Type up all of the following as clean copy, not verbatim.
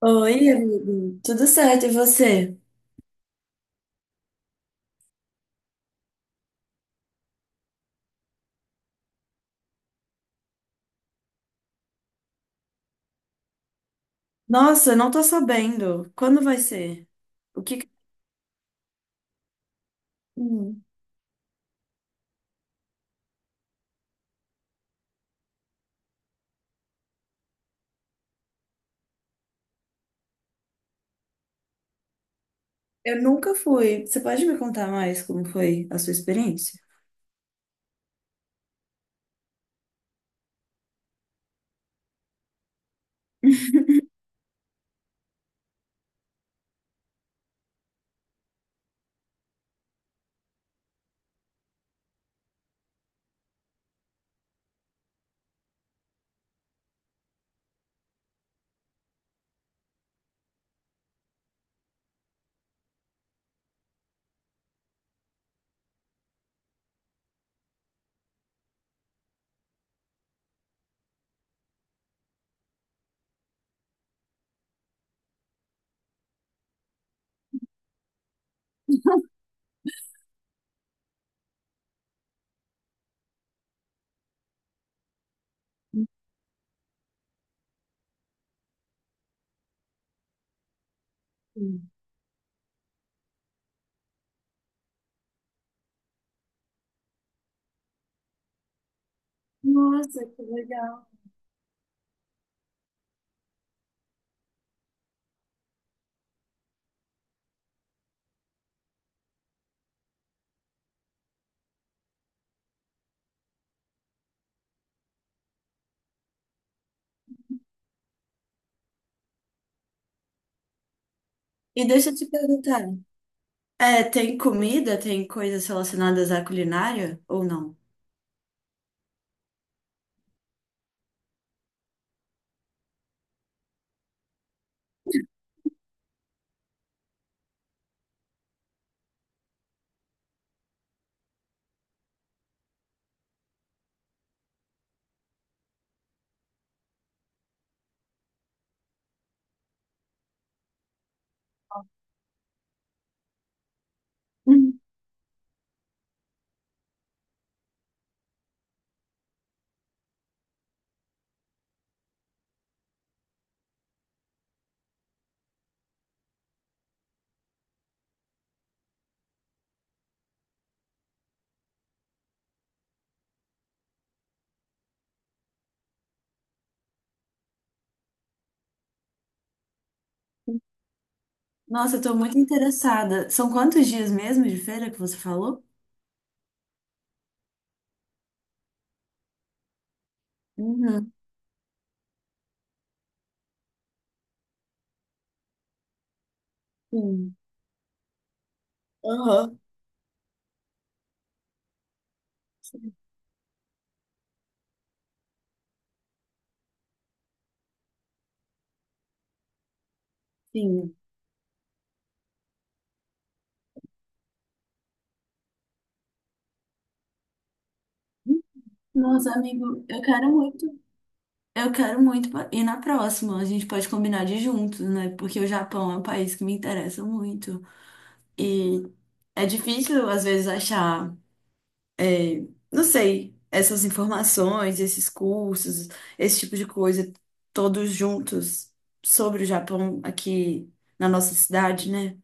Oi, amigo. Tudo certo, e você? Nossa, não tô sabendo. Quando vai ser? O que... que- Hum, Eu nunca fui. Você pode me contar mais como foi a sua experiência? Hum. Nossa, que legal. E deixa eu te perguntar. É, tem comida? Tem coisas relacionadas à culinária ou não? Hum. Nossa, eu tô muito interessada. São quantos dias mesmo de feira que você falou? Uhum. Sim. Aham. Sim. Nossa, amigo, eu quero muito. Ir na próxima. A gente pode combinar de ir juntos, né? Porque o Japão é um país que me interessa muito. E é difícil, às vezes, achar, é, não sei, essas informações, esses cursos, esse tipo de coisa, todos juntos sobre o Japão aqui na nossa cidade, né?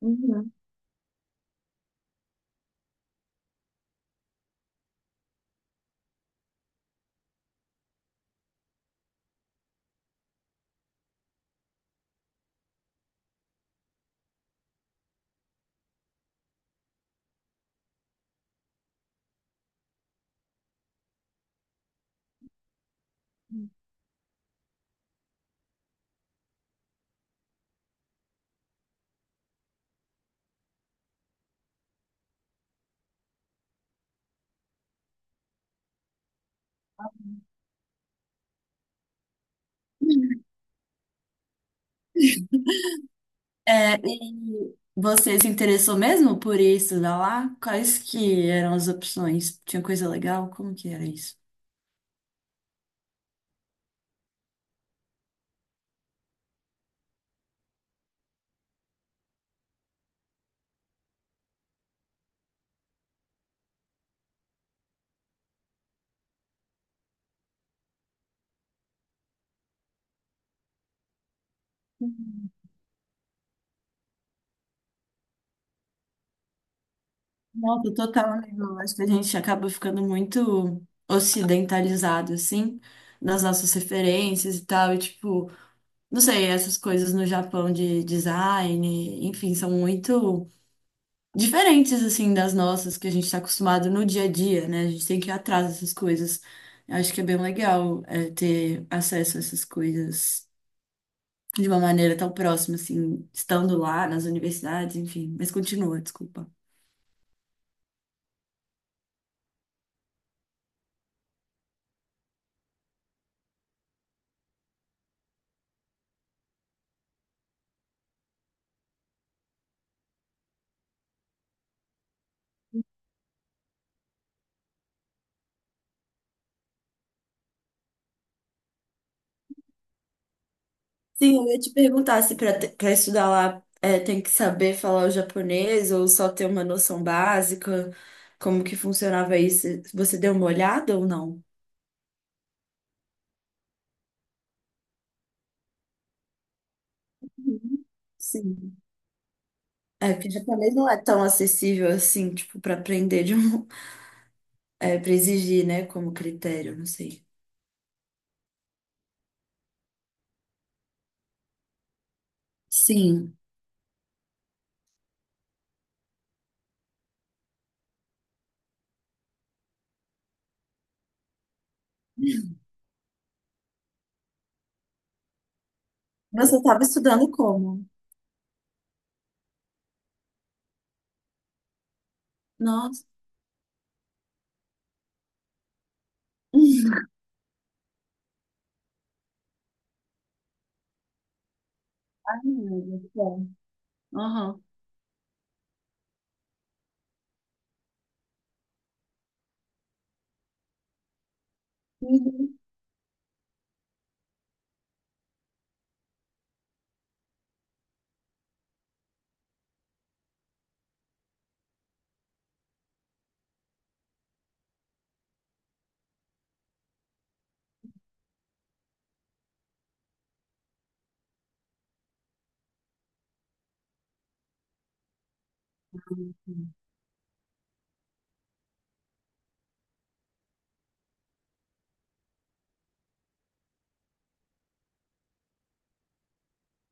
Uhum. É, e você se interessou mesmo por isso, da lá? Quais que eram as opções? Tinha coisa legal? Como que era isso? Nossa, total, amigo. Eu acho que a gente acaba ficando muito ocidentalizado, assim, nas nossas referências e tal. E, tipo, não sei, essas coisas no Japão de design, enfim, são muito diferentes, assim, das nossas que a gente está acostumado no dia a dia, né? A gente tem que ir atrás dessas coisas. Eu acho que é bem legal, é, ter acesso a essas coisas de uma maneira tão próxima, assim, estando lá nas universidades, enfim. Mas continua, desculpa. Sim, eu ia te perguntar se para estudar lá é, tem que saber falar o japonês ou só ter uma noção básica, como que funcionava isso? Você deu uma olhada ou não? Uhum. Sim. É, porque japonês não é tão acessível assim, tipo, para aprender de um, é, para exigir, né, como critério, não sei. Sim. Você estava estudando como? Nossa. Ah, meu Deus, bom. Aham.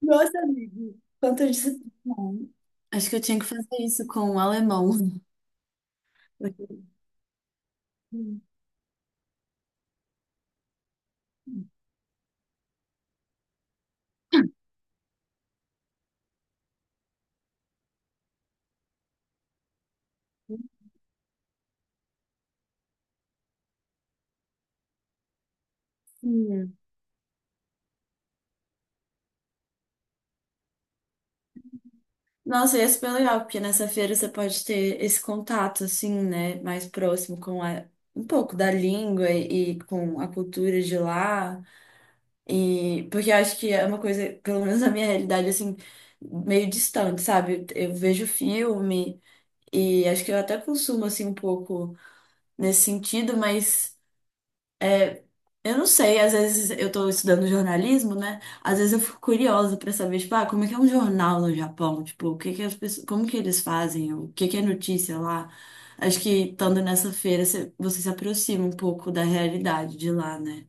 Nossa, amigo, quanto disciplina. Acho que eu tinha que fazer isso com o alemão. Sim. Nossa, ia ser bem legal, porque nessa feira você pode ter esse contato, assim, né, mais próximo com a, um pouco da língua e com a cultura de lá. E porque eu acho que é uma coisa, pelo menos na minha realidade, assim, meio distante, sabe? Eu vejo filme e acho que eu até consumo, assim, um pouco nesse sentido, mas. Eu não sei, às vezes eu tô estudando jornalismo, né? Às vezes eu fico curiosa pra saber, tipo, ah, como é que é um jornal no Japão? Tipo, o que que as pessoas, como que eles fazem? O que que é notícia lá? Acho que estando nessa feira, você se aproxima um pouco da realidade de lá, né?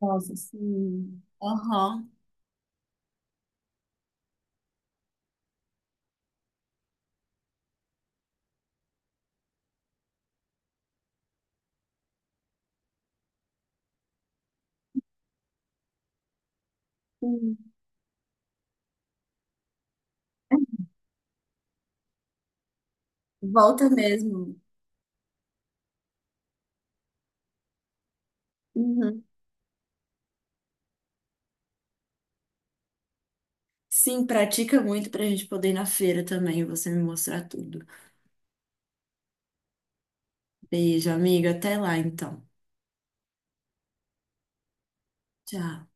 Nossa, sim. Aham. Sim. Volta mesmo. Uhum. Sim, pratica muito pra gente poder ir na feira também e você me mostrar tudo. Beijo, amiga. Até lá, então. Tchau.